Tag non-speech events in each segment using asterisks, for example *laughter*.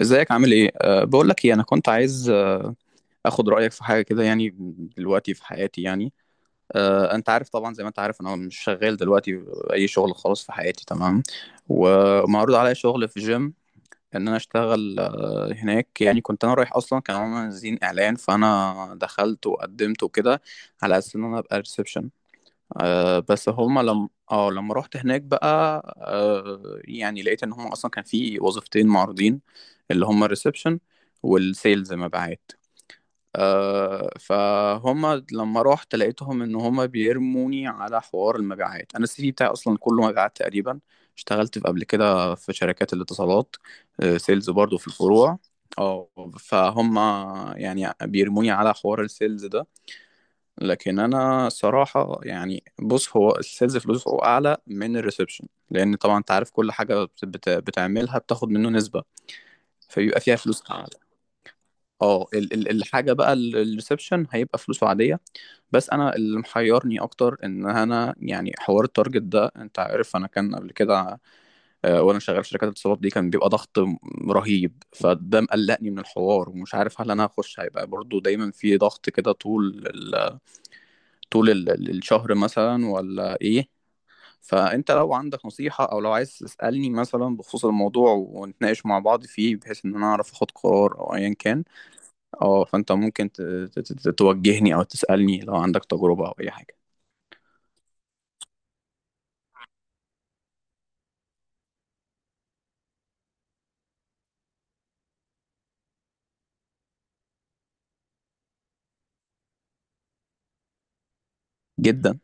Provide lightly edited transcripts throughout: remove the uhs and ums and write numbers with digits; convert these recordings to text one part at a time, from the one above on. ازيك، عامل ايه؟ بقول لك ايه، انا كنت عايز اخد رايك في حاجه كده يعني، دلوقتي في حياتي يعني. انت عارف طبعا، زي ما انت عارف انا مش شغال دلوقتي اي شغل خالص في حياتي، تمام. ومعروض عليا شغل في جيم، ان انا اشتغل هناك يعني. كنت انا رايح اصلا، كانوا عاملين اعلان، فانا دخلت وقدمت وكده، على اساس ان انا ابقى ريسبشن. بس هما لما لما رحت هناك بقى. يعني لقيت ان هما اصلا كان في وظيفتين معروضين، اللي هما الريسبشن والسيلز، مبيعات. فهما لما رحت لقيتهم ان هما بيرموني على حوار المبيعات، انا السي في بتاعي اصلا كله مبيعات تقريبا. اشتغلت قبل كده في شركات الاتصالات، سيلز برضو في الفروع. اه فهم، يعني بيرموني على حوار السيلز ده. لكن انا صراحه يعني بص، هو السيلز فلوسه اعلى من الريسبشن، لان طبعا انت عارف كل حاجه بتعملها بتاخد منه نسبه، فبيبقى فيها فلوس اعلى. اه الحاجه بقى، الريسبشن هيبقى فلوسه عاديه. بس انا اللي محيرني اكتر ان انا يعني حوار التارجت ده، انت عارف انا كان قبل كده وانا شغال في شركات الاتصالات دي، كان بيبقى ضغط رهيب، فده مقلقني من الحوار، ومش عارف هل انا هخش هيبقى برضو دايما في ضغط كده، طول الشهر مثلا ولا ايه؟ فانت لو عندك نصيحة او لو عايز تسألني مثلا بخصوص الموضوع، ونتناقش مع بعض فيه، بحيث ان انا اعرف اخد قرار او ايا كان. اه فانت ممكن توجهني او تسألني لو عندك تجربة او اي حاجة. جدا.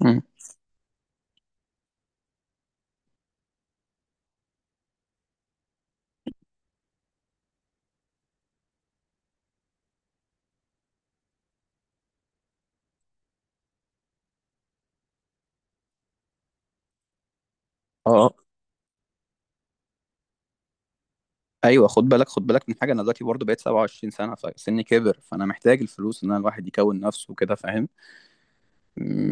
مم. اه ايوه، خد بالك، خد بالك من حاجة. انا دلوقتي برضو بقيت 27 سنة، فسني كبر، فانا محتاج الفلوس ان انا الواحد يكون نفسه كده، فاهم.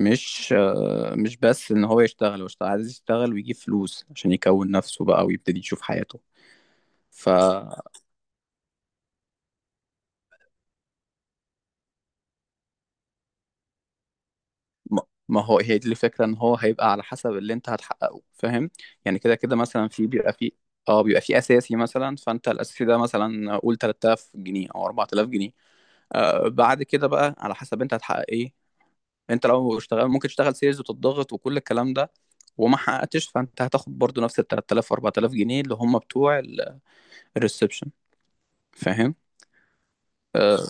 مش بس ان هو يشتغل، عايز يشتغل ويجيب فلوس عشان يكون نفسه بقى ويبتدي يشوف حياته. ف ما ما هو، هي دي الفكرة، ان هو هيبقى على حسب اللي انت هتحققه، فاهم. يعني كده كده مثلا، في بيبقى في اه بيبقى في اساسي مثلا، فانت الاساسي ده مثلا قول 3000 جنيه او 4000 جنيه. بعد كده بقى على حسب انت هتحقق ايه، انت لو اشتغل ممكن تشتغل سيلز وتضغط وكل الكلام ده، وما حققتش فانت هتاخد برضو نفس ال 3000 و 4000 جنيه اللي هم بتوع الريسبشن، فاهم. آه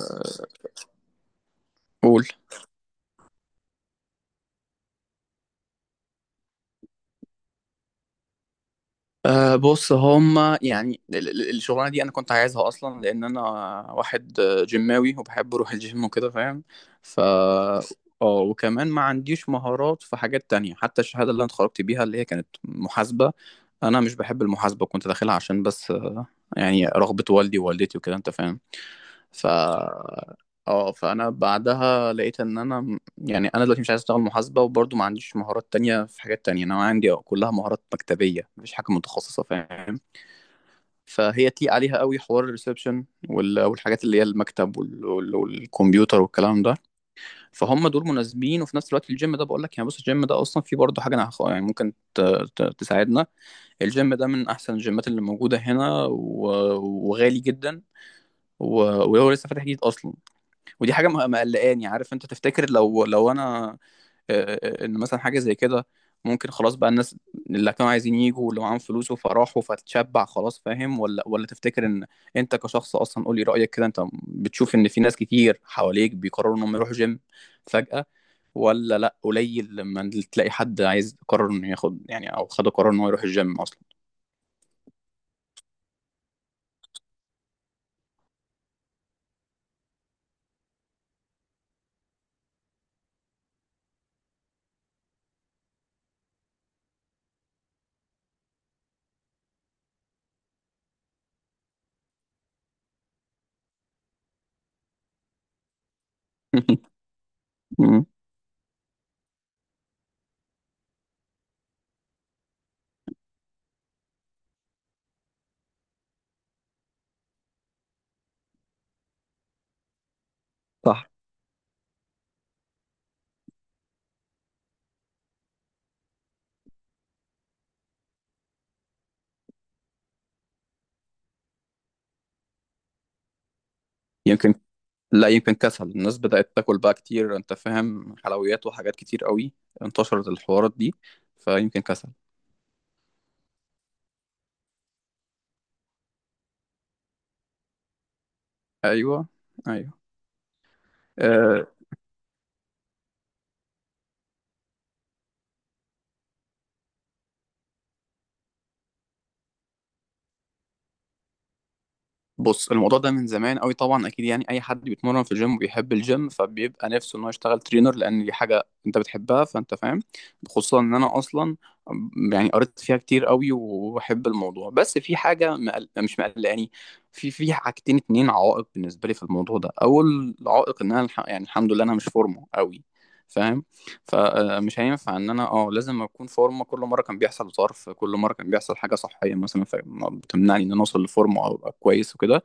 قول. بص، هما يعني الشغلانه دي انا كنت عايزها اصلا لان انا واحد جيماوي وبحب اروح الجيم وكده، فاهم. ف اه وكمان ما عنديش مهارات في حاجات تانية، حتى الشهاده اللي انا اتخرجت بيها اللي هي كانت محاسبه. انا مش بحب المحاسبه، كنت داخلها عشان بس يعني رغبه والدي ووالدتي وكده، انت فاهم. ف اه فانا بعدها لقيت ان انا يعني انا دلوقتي مش عايز اشتغل محاسبه، وبرضه ما عنديش مهارات تانية في حاجات تانية، انا عندي كلها مهارات مكتبيه، مفيش حاجه متخصصه، فاهم. فهي تليق عليها قوي حوار الريسبشن والحاجات اللي هي المكتب والكمبيوتر والكلام ده، فهم دول مناسبين. وفي نفس الوقت الجيم ده، بقول لك يعني بص، الجيم ده اصلا فيه برضه حاجه انا يعني ممكن تساعدنا. الجيم ده من احسن الجيمات اللي موجوده هنا، وغالي جدا، و- وهو لسه فاتح جديد اصلا، ودي حاجه مقلقاني. عارف، انت تفتكر لو انا ان مثلا حاجه زي كده ممكن خلاص بقى الناس اللي كانوا عايزين يجوا واللي معاهم فلوس فراحوا فتشبع خلاص، فاهم؟ ولا تفتكر ان انت كشخص اصلا، قولي رايك كده، انت بتشوف ان في ناس كتير حواليك بيقرروا انهم يروحوا جيم فجاه، ولا لا، قليل لما تلاقي حد عايز قرر انه ياخد يعني او خد قرار انه يروح الجيم اصلا؟ *laughs* مم. صح. يمكن، لا، يمكن كسل الناس بدأت تاكل بقى كتير، انت فاهم، حلويات وحاجات كتير قوي انتشرت الحوارات دي، فيمكن كسل. ايوه، ايوه. آه، بص، الموضوع ده من زمان قوي طبعا اكيد، يعني اي حد بيتمرن في الجيم وبيحب الجيم فبيبقى نفسه ان هو يشتغل ترينر، لان دي حاجه انت بتحبها فانت فاهم. خصوصا ان انا اصلا يعني قريت فيها كتير قوي وبحب الموضوع، بس في حاجه مش مقلقاني. في حاجتين، اتنين عوائق بالنسبه لي في الموضوع ده. اول عائق، ان انا يعني الحمد لله انا مش فورمه قوي، فاهم. فمش هينفع ان انا لازم اكون فورمه، كل مره كان بيحصل ظرف، كل مره كان بيحصل حاجه صحيه مثلا، فبتمنعني ان انا اوصل لفورمه او ابقى كويس وكده.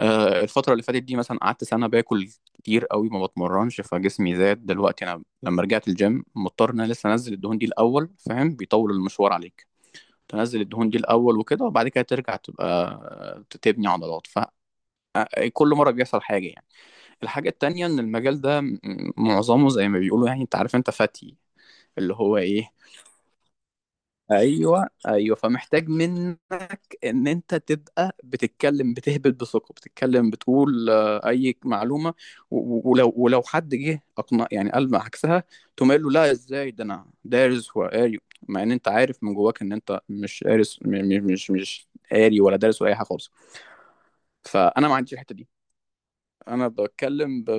الفترة اللي فاتت دي مثلا قعدت سنة باكل كتير قوي، ما بتمرنش فجسمي زاد. دلوقتي أنا لما رجعت الجيم، مضطر إن أنا لسه أنزل الدهون دي الأول، فاهم، بيطول المشوار عليك تنزل الدهون دي الأول وكده، وبعد كده ترجع تبقى تبني عضلات. ف آه، كل مرة بيحصل حاجة يعني. الحاجة التانية، إن المجال ده معظمه زي ما بيقولوا يعني، أنت عارف أنت فاتي، اللي هو إيه. ايوه، ايوه، فمحتاج منك ان انت تبقى بتتكلم، بتهبط بثقه، بتتكلم بتقول اي معلومه، ولو حد جه اقنع يعني قال عكسها، تقوم قايل له لا ازاي ده انا دارس وقاري، مع ان انت عارف من جواك ان انت مش قارس، مش قاري ولا دارس ولا اي حاجه خالص. فانا ما عنديش الحته دي، انا بتكلم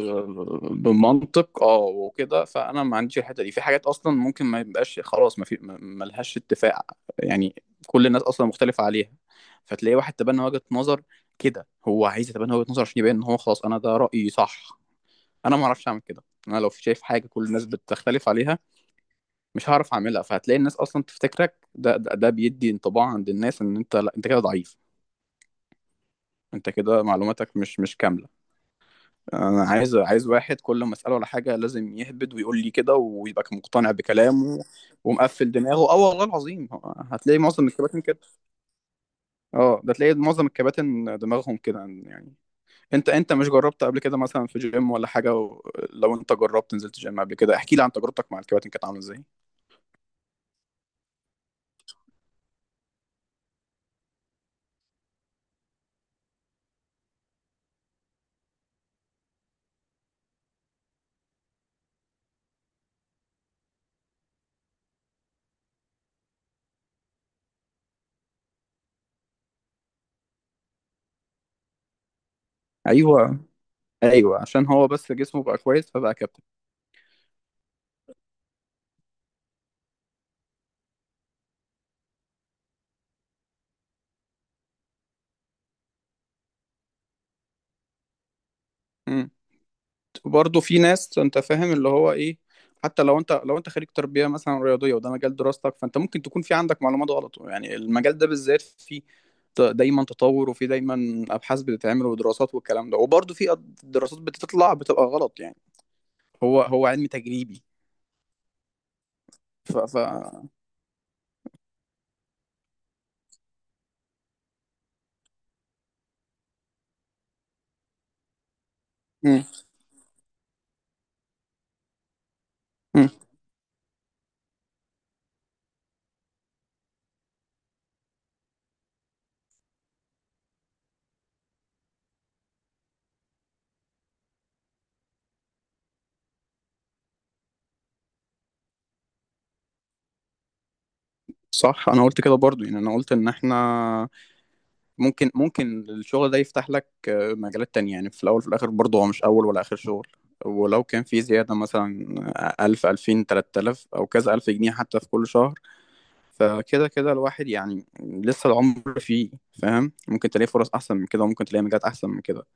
بمنطق وكده، فانا ما عنديش الحته دي في حاجات اصلا ممكن ما يبقاش خلاص، ما في، ما لهاش اتفاق يعني، كل الناس اصلا مختلفه عليها. فتلاقي واحد تبنى وجهه نظر كده، هو عايز يتبنى وجهه نظر عشان يبين ان هو خلاص انا ده رايي صح. انا ما اعرفش اعمل كده، انا لو شايف حاجه كل الناس بتختلف عليها مش هعرف اعملها، فهتلاقي الناس اصلا تفتكرك، ده بيدي انطباع عند الناس ان انت، لا، انت كده ضعيف، انت كده معلوماتك مش كامله. انا عايز، واحد كل ما اساله على حاجه لازم يهبد ويقول لي كده ويبقى مقتنع بكلامه ومقفل دماغه. اه والله العظيم هتلاقي معظم الكباتن كده. اه ده تلاقي معظم الكباتن دماغهم كده يعني. انت مش جربت قبل كده مثلا في جيم ولا حاجه لو انت جربت نزلت جيم قبل كده احكي لي عن تجربتك مع الكباتن كانت عامله ازاي؟ ايوه، ايوه، عشان هو بس جسمه بقى كويس فبقى كابتن. مم. وبرضه في ناس، انت فاهم اللي هو ايه، حتى لو انت، خريج تربيه مثلا رياضيه وده مجال دراستك، فانت ممكن تكون في عندك معلومات غلط يعني، المجال ده بالذات فيه دايما تطور، وفي دايما ابحاث بتتعمل ودراسات والكلام ده، وبرضه في دراسات بتطلع بتبقى غلط يعني، هو هو علم تجريبي. ف ف مم. صح، انا قلت كده برضو، يعني انا قلت ان احنا ممكن الشغل ده يفتح لك مجالات تانية، يعني في الاول في الاخر برضو هو مش اول ولا اخر شغل، ولو كان في زيادة مثلا 1000، 2000، 3000 أو كذا ألف جنيه حتى، في كل شهر، فكده كده الواحد يعني لسه العمر فيه، فاهم، ممكن تلاقي فرص أحسن من كده وممكن تلاقي مجالات أحسن من كده.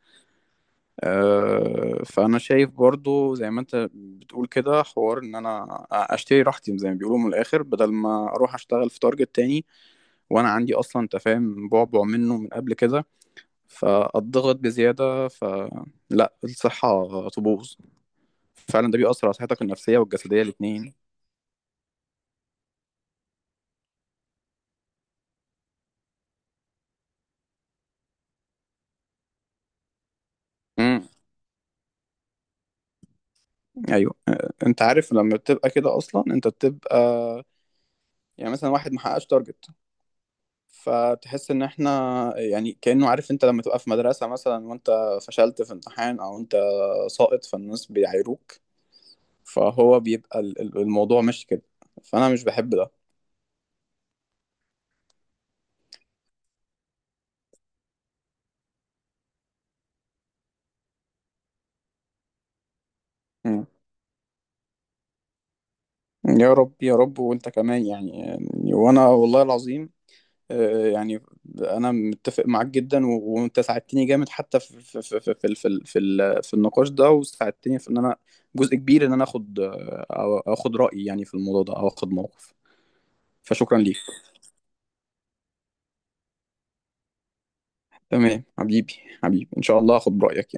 فأنا شايف برضو زي ما أنت بتقول كده، حوار إن أنا أشتري راحتي زي ما بيقولوا من الآخر، بدل ما أروح أشتغل في تارجت تاني، وانا عندي اصلا انت فاهم بعبع منه من قبل كده، فاتضغط بزياده، فلا، الصحه تبوظ فعلا، ده بيأثر على صحتك النفسيه والجسديه الاتنين. امم، ايوه. انت عارف لما بتبقى كده اصلا انت بتبقى يعني، مثلا واحد محققش تارجت، فتحس ان احنا يعني كأنه، عارف انت لما تبقى في مدرسة مثلا وانت فشلت في امتحان او انت ساقط فالناس بيعايروك، فهو بيبقى الموضوع ماشي كده، فانا مش بحب ده. يا رب، يا رب، وانت كمان يعني، وانا والله العظيم يعني انا متفق معاك جدا، وانت ساعدتني جامد، حتى في النقاش ده، وساعدتني في ان انا جزء كبير، ان انا اخد اخد رأيي يعني في الموضوع ده او اخد موقف، فشكرا ليك. تمام حبيبي، حبيبي، ان شاء الله اخد برأيك.